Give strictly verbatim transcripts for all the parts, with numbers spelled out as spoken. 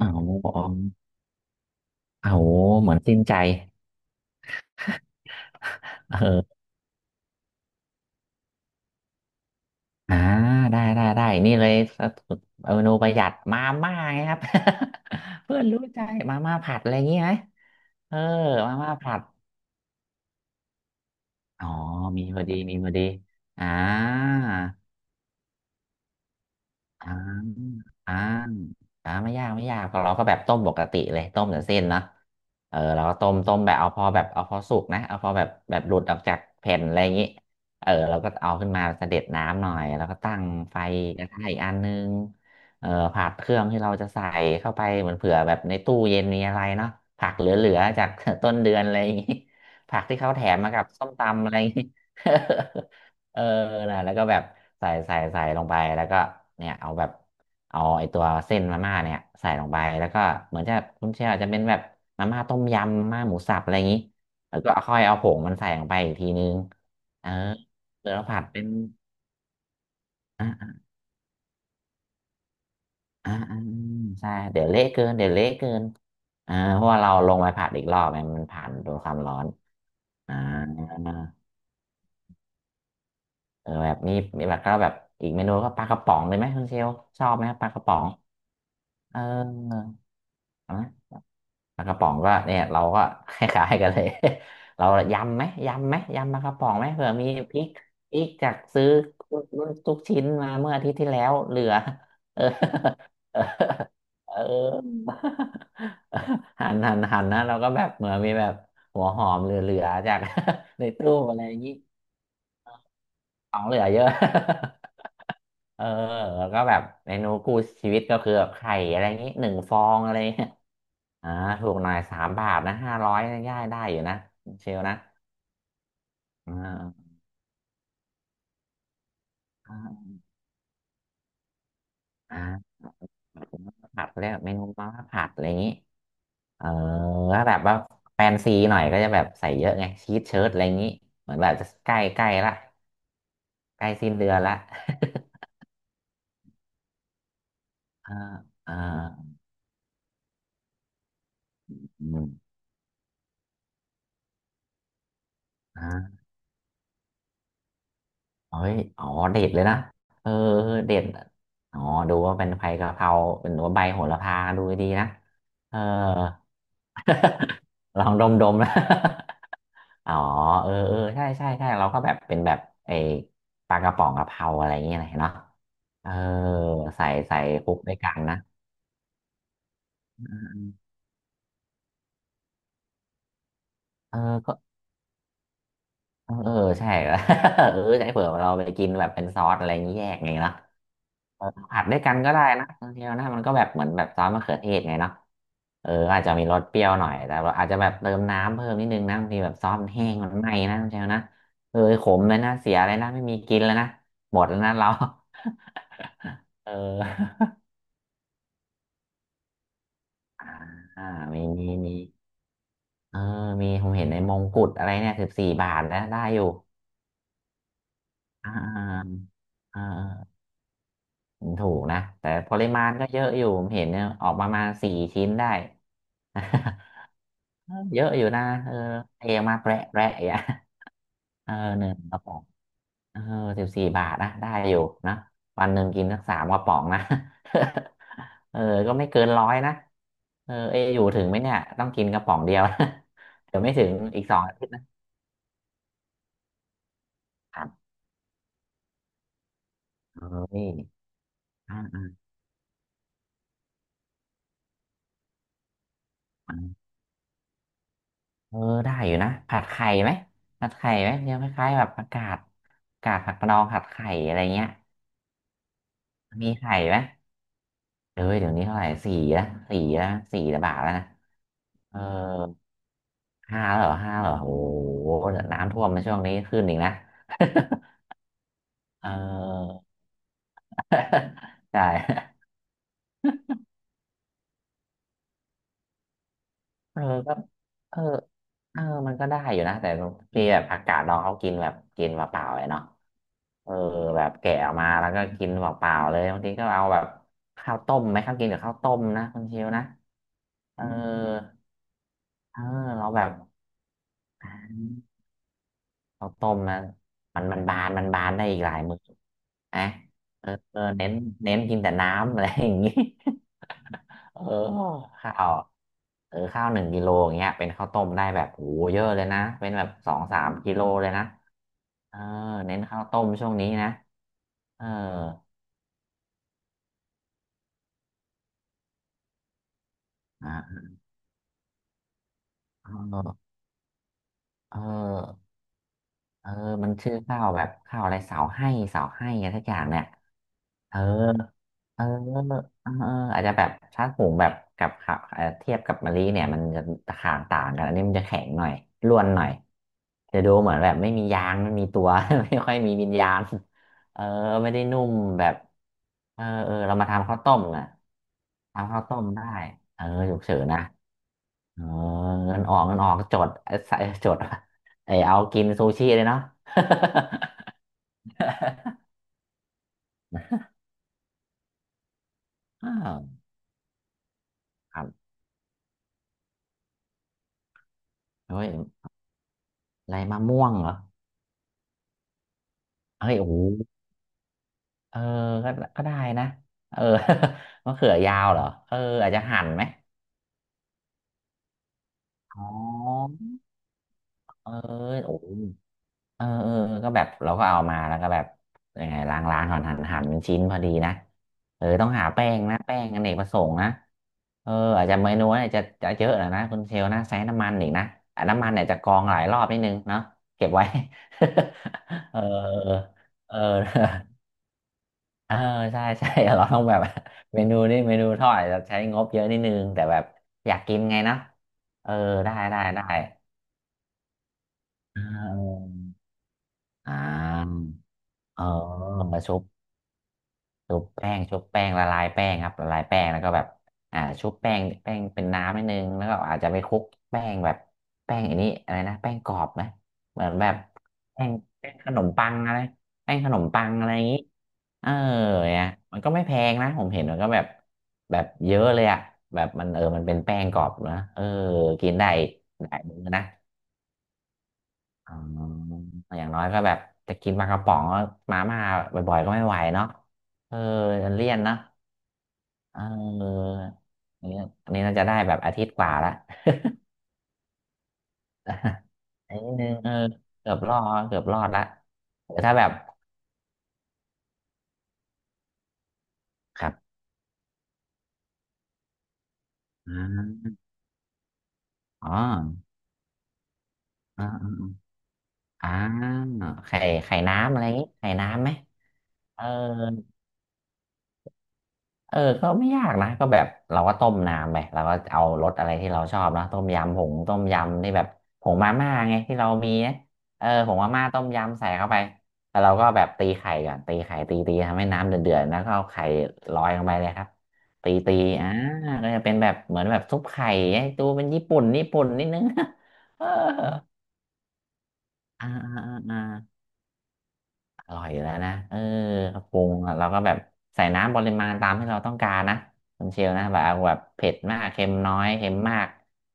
อ๋อเอเหมือนสิ้นใจเอออ่าได้ได้ได้ นี่เลยเมนูประหยัดมาม่าไงครับ เพื่อนรู้ใจ มาม่าผัดอะไรอย่างงี้ไหมเออมาม่าผัด อ๋อ มีพอดี มีพอดีอ่า อ่าอ่าอ่าไม่ยากไม่ยากก็เราก็แบบต้มปกติเลยต้มแต่เส้นนะเออเราก็ต้มต้มแบบเอาพอแบบเอาพอสุกนะเอาพอแบบแบบหลุดออกจากแผ่นอะไรอย่างนี้เออเราก็เอาขึ้นมาเสด็จน้ำหน่อยแล้วก็ตั้งไฟกระทะอีกอันนึงเออผักเครื่องที่เราจะใส่เข้าไปเหมือนเผื่อแบบในตู้เย็นมีอะไรเนาะผักเหลือๆจาก ต้นเดือนอะไรอย่างนี้ผักที่เขาแถมมากับส้มตำอะไรอย่างนี้ เออนะแล้วก็แบบใส่ใส่ใส่ลงไปแล้วก็เนี่ยเอาแบบเอาไอตัวเส้นมาม่าเนี่ยใส่ลงไปแล้วก็เหมือนจะคุณเชลรอาจจะเป็นแบบมาม่าต้มยำมาม่าหมูสับอะไรอย่างนี้แล้วก็ค่อยเอาผงมันใส่ลงไปอีกทีนึงเออเดี๋ยวเราผัดเป็นอ่าอ่าอ่าอืมใช่เดี๋ยวเละเกินเดี๋ยวเละเกินอ่าเพราะว่าเราลงไปผัดอีกรอบไงมันผ่านโดนความร้อนอ่าเออแบบนี้มีแบบก็แบบอีกเมนูก็ปลากระป๋องเลยไหมคุณเชลชอบไหมปลากระป๋องเออ อ่ะปลากระป๋องก็เนี่ยเราก็ คล้ายๆกันเลย เรายำไหมยำไหมยำปลากระป๋องไหมเผื่อมีพริกพริกจากซื้อรุ่นทุกชิ้นมาเมื่ออาทิตย์ที่แล้วเหลือเออ เออ หันหันหันนะเราก็แบบเหมือนมีแบบหัวหอมเหลือๆจาก ในตู้อะไรอย่างนี้ของเหลือเยอะ เออแล้วก็แบบเมนูกู้ชีวิตก็คือแบบไข่อะไรนี้หนึ่งฟองอะไรเงี้ยอ่าถูกหน่อยสามบาทนะห้าร้อยง่ายได้อยู่นะเชลนะอ่าอ่าอ่าผัดเขาเรียกเมนูมาม่าผัดอะไรอย่างนี้เออถ้าแบบว่าแฟนซีหน่อยก็จะแบบใส่เยอะไงชีสเชิ้ตอะไรอย่างนี้เหมือนแบบจะใกล้ใกล้ละใกล้สิ้นเดือนละ อ่าอ่าอืม เฮ้ยอ๋อเด็ดเลยนะเออเด็ดอ๋อดูว่าเป็นใบกะเพราเป็นหัวาใบโหระพาดูดีนะเออ ลองดมดมนะ อ๋อเออเออใช่ใช่ใช่เราก็แบบเป็นแบบไอ้ปลากระป๋องกะเพราอะไรอย่างเงี้ยนะเหนนาะเออใส่ใส่คลุกด้วยกันนะเออก็เออเออใช่ เออใช่เผื่อเราไปกินแบบเป็นซอสอะไรอย่างนี้แยกไงเนอะ เออผัดด้วยกันก็ได้นะบางทีนะมันก็แบบเหมือนแบบซอสมะเขือเทศไงเนาะเอออาจจะมีรสเปรี้ยวหน่อยแต่เราอาจจะแบบเติมน้ำเพิ่มนิดนึงนะบางทีแบบซอสมันแห้งมันไหม้นะคุณเชลนะเออขมเลยนะเสียเลยนะไม่มีกินแล้วนะหมดแล้วนะเรา เอออ่ามีมีมีเออมีผมเห็นในมงกุฎอะไรเนี่ยสิบสี่บาทแล้วได้อยู่อ่าอ่าอ่าถูกนะแต่ปริมาณก็เยอะอยู่ผมเห็นเนี่ยออกประมาณสี่ชิ้นได้ เออเยอะอยู่นะเออเทมาแปะแปะอ่ะเออหนึ่งกระป๋องเออสิบสี่บาทนะได้อยู่นะวันหนึ่งกินสักสามกระป๋องนะ เออก็ไม่เกินร้อยนะเออเอะอยู่ถึงไหมเนี่ยต้องกินกระป๋องเดียว เดี๋ยวไม่ถึงอีกสองอาทิตย์นะครับเอ้ยอ่าอ่าอ่าเออได้อยู่นะผัดไข่ไหมผัดไข่ไหมเนี่ยคล้ายๆแบบอากาศอากาศผัดกระดองผัดไข่อะไรเงี้ยมีไข่ไหมเออเดี๋ยวนี้เท่าไหร่สี่ละสี่ละสี่ละบาทแล้วนะ เออห้าเหรอห้าเหรอโอ้โหน้ำท่วมในะช่วงนี้ขึ้นอีกนะ เออ ใช่เออก็เออเออมันก็ได้อยู่นะแต่บางทีแบบอากาศเร้อนเขากินแบบกินเปล่าๆเลยเนาะเออแบบแกะออกมาแล้วก็กินเปล่าๆเลยบางทีก็เอาแบบข้าวต้มไหมข้าวกินกับข้าวต้มนะคุณชิวนะเออเออเราแบบ ข้าวต้มนะมันมันบานมันบานได้อีกหลายมื้อนะเออเออเน้นเน้นกินแต่น้ำ อะไรอย่างงี้ เออข้าวเออข้าวหนึ่งกิโลอย่างเงี้ยเป็นข้าวต้มได้แบบโหเยอะเลยนะเป็นแบบสองสามกิโลเลยนะเออเน้นข้าวต้มช่วงนี้นะเอออ่ะเออเออเออมันชื่อข้าวแบบข้าวอะไรเสาให้เสาให้อะไรสักอย่างเนี่ยเออ เออเอออาจจะแบบถ้าหุงแบบกับข้าวเอ่อเทียบกับมะลิเนี่ยมันจะตะข่างต่างกันอันนี้มันจะแข็งหน่อยร่วนหน่อยจะดูเหมือนแบบไม่มียางไม่มีตัว ไม่ค่อยมีวิญญาณเออไม่ได้นุ่มแบบเออเออเรามาทำข้าวต้มอ่ะทำข้าวต้มได้เออฉุกเฉินนะเออเงินออกเงินออกจดเอ้ยใส่จด เออเอากินซูชิเลยเนาะ อ้าวครับเฮ้ยอะไรมะม่วงเหรอเฮ้ยโอ้โห เออก็ก็ได้นะ เออ มะเขือยาวเหรอเอออาจจะหั่นไหมอ๋อเออโอ้ยเออเออเออก็แบบเราก็เอามาแล้วก็แบบยังไงล้างล้างหั่นหั่นหั่นเป็นชิ้นพอดีนะเออต้องหาแป้งนะแป้งอเนกประสงค์นะเอออาจจะเมนูอาจจะจะเยอะหน่อยนะคุณเชลนะใช้น้ำมันอีกนะอ่ะน้ำมันเนี่ยจะกองหลายรอบนิดนึงเนาะเก็บไว้ เออเออ เออใช่ ใช่ เราต้องแบบเมนูนี่เมนูทอดอาจจะใช้งบเยอะนิดนึงแต่แบบอยากกินไงนะเออได้ได้ได้อ่าอ่าเออมาชุบ ชุบแป้งชุบแป้งละลายแป้งครับละลายแป้งแล้วก็แบบอ่าชุบแป้งแป้งเป็นน้ำนิดนึงแล้วก็อาจจะไปคลุกแป้งแบบแป้งอันนี้อะไรนะแป้งกรอบไหมเหมือนแบบแป้งแป้งขนมปังอะไรแป้งขนมปังอะไรอย่างนี้เออเนี่ยมันก็ไม่แพงนะผมเห็นมันก็แบบแบบเยอะเลยอะแบบมันเออมันเป็นแป้งกรอบนะเออกินได้หลายมื้อนะอ๋ออย่างน้อยก็แบบจะกินปลากระป๋องก็มาม่าบ่อยๆก็ไม่ไหวเนาะเออมันเลี่ยนเนาะ เอออันนี้อันนี้น่าจะได้แบบอาทิตย์กว่าละ อันนี้นึงเออเกือบรอดเกือบรอดละแต่ถ้าแบบครับอ่าอ๋ออ่าอ่าอ่าไข่ไข่น้ำอะไรงี้ไข่น้ำไหมเออ เออก็ไม่ยากนะก็แบบเราก็ต้มน้ำไปเราก็เอารสอะไรที่เราชอบนะต้มยำผงต้มยำที่แบบผงมาม่าไงที่เรามีนะเออผงมาม่าต้มยำใส่เข้าไปแล้วเราก็แบบตีไข่ก่อนตีไข่ตีตีทำให้น้ำเดือดๆแล้วก็เอาไข่ลอยลงไปเลยครับตีตีอ่าก็จะเป็นแบบเหมือนแบบซุปไข่ไงดูเป็นญี่ปุ่นญี่ปุ่นนิดนึง เอออ่าอ่าอ่า อร่อยอยู่แล้วนะเออก็ปรุงอะเราก็แบบใส่น้ำปริมาณตามที่เราต้องการนะคุณเชลนะแบบเอาแบบเผ็ดมาก เค็มน้อยเค็มมาก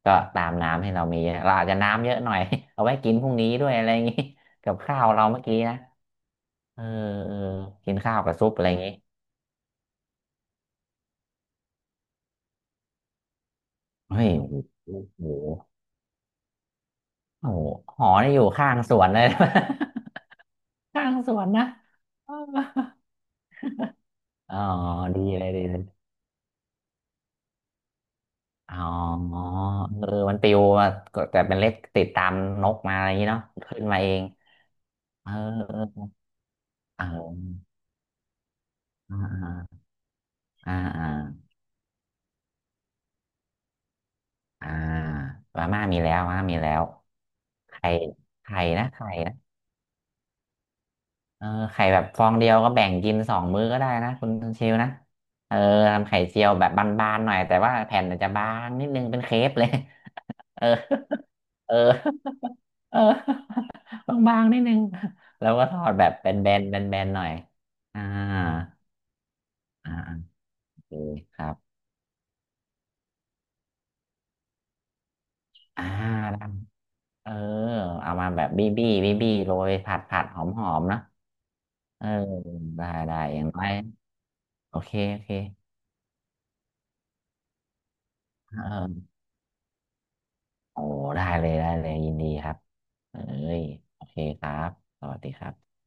ก็ตามน้ำให้เรามีเยราอาจจะน้ำเยอะหน่อย เอาไว้กินพรุ่งนี้ด้วยอะไรอย่างงี้ กับข้าวเราเมื่อกี้นะเออเออกินข้าวกับซุปอะไรอย่างงี้เฮ้ยโอ้โหโอ้โหหอนี่อยู่ข้างสวนเลย ข้างสวนนะ เอออ๋อดีเลยดีเลย อ๋อเออมันปิวมาก็แต่เป็นเลขติดตามนกมาอะไรอย่างนี้เนาะขึ้นมาเองเออเออเอออ่าอ่าอ่าอ่ามาม่ามีแล้วมาม่ามีแล้วไข่ไข่นะไข่นะเออไข่แบบฟองเดียวก็แบ่งกินสองมื้อก็ได้นะคุณคุณชิวนะเออทำไข่เจียวแบบบานๆหน่อยแต่ว่าแผ่นอาจจะบางนิดนึงเป็นเครปเลย เออเออเออบางๆนิดนึง แล้วก็ทอดแบบแบนๆแบนๆหน่อยอ่าอ่าโอเคครับอ่าได้เออเอามาแบบบี้บี้บี้บี้โรยผัดผัดหอมหอมนะเออได้ได้อย่างน้อยโอเคโอเคเออโอ้ได้เลยได้เลย ยินดีครับเอ้ยโอเคครับสวัสดีครับ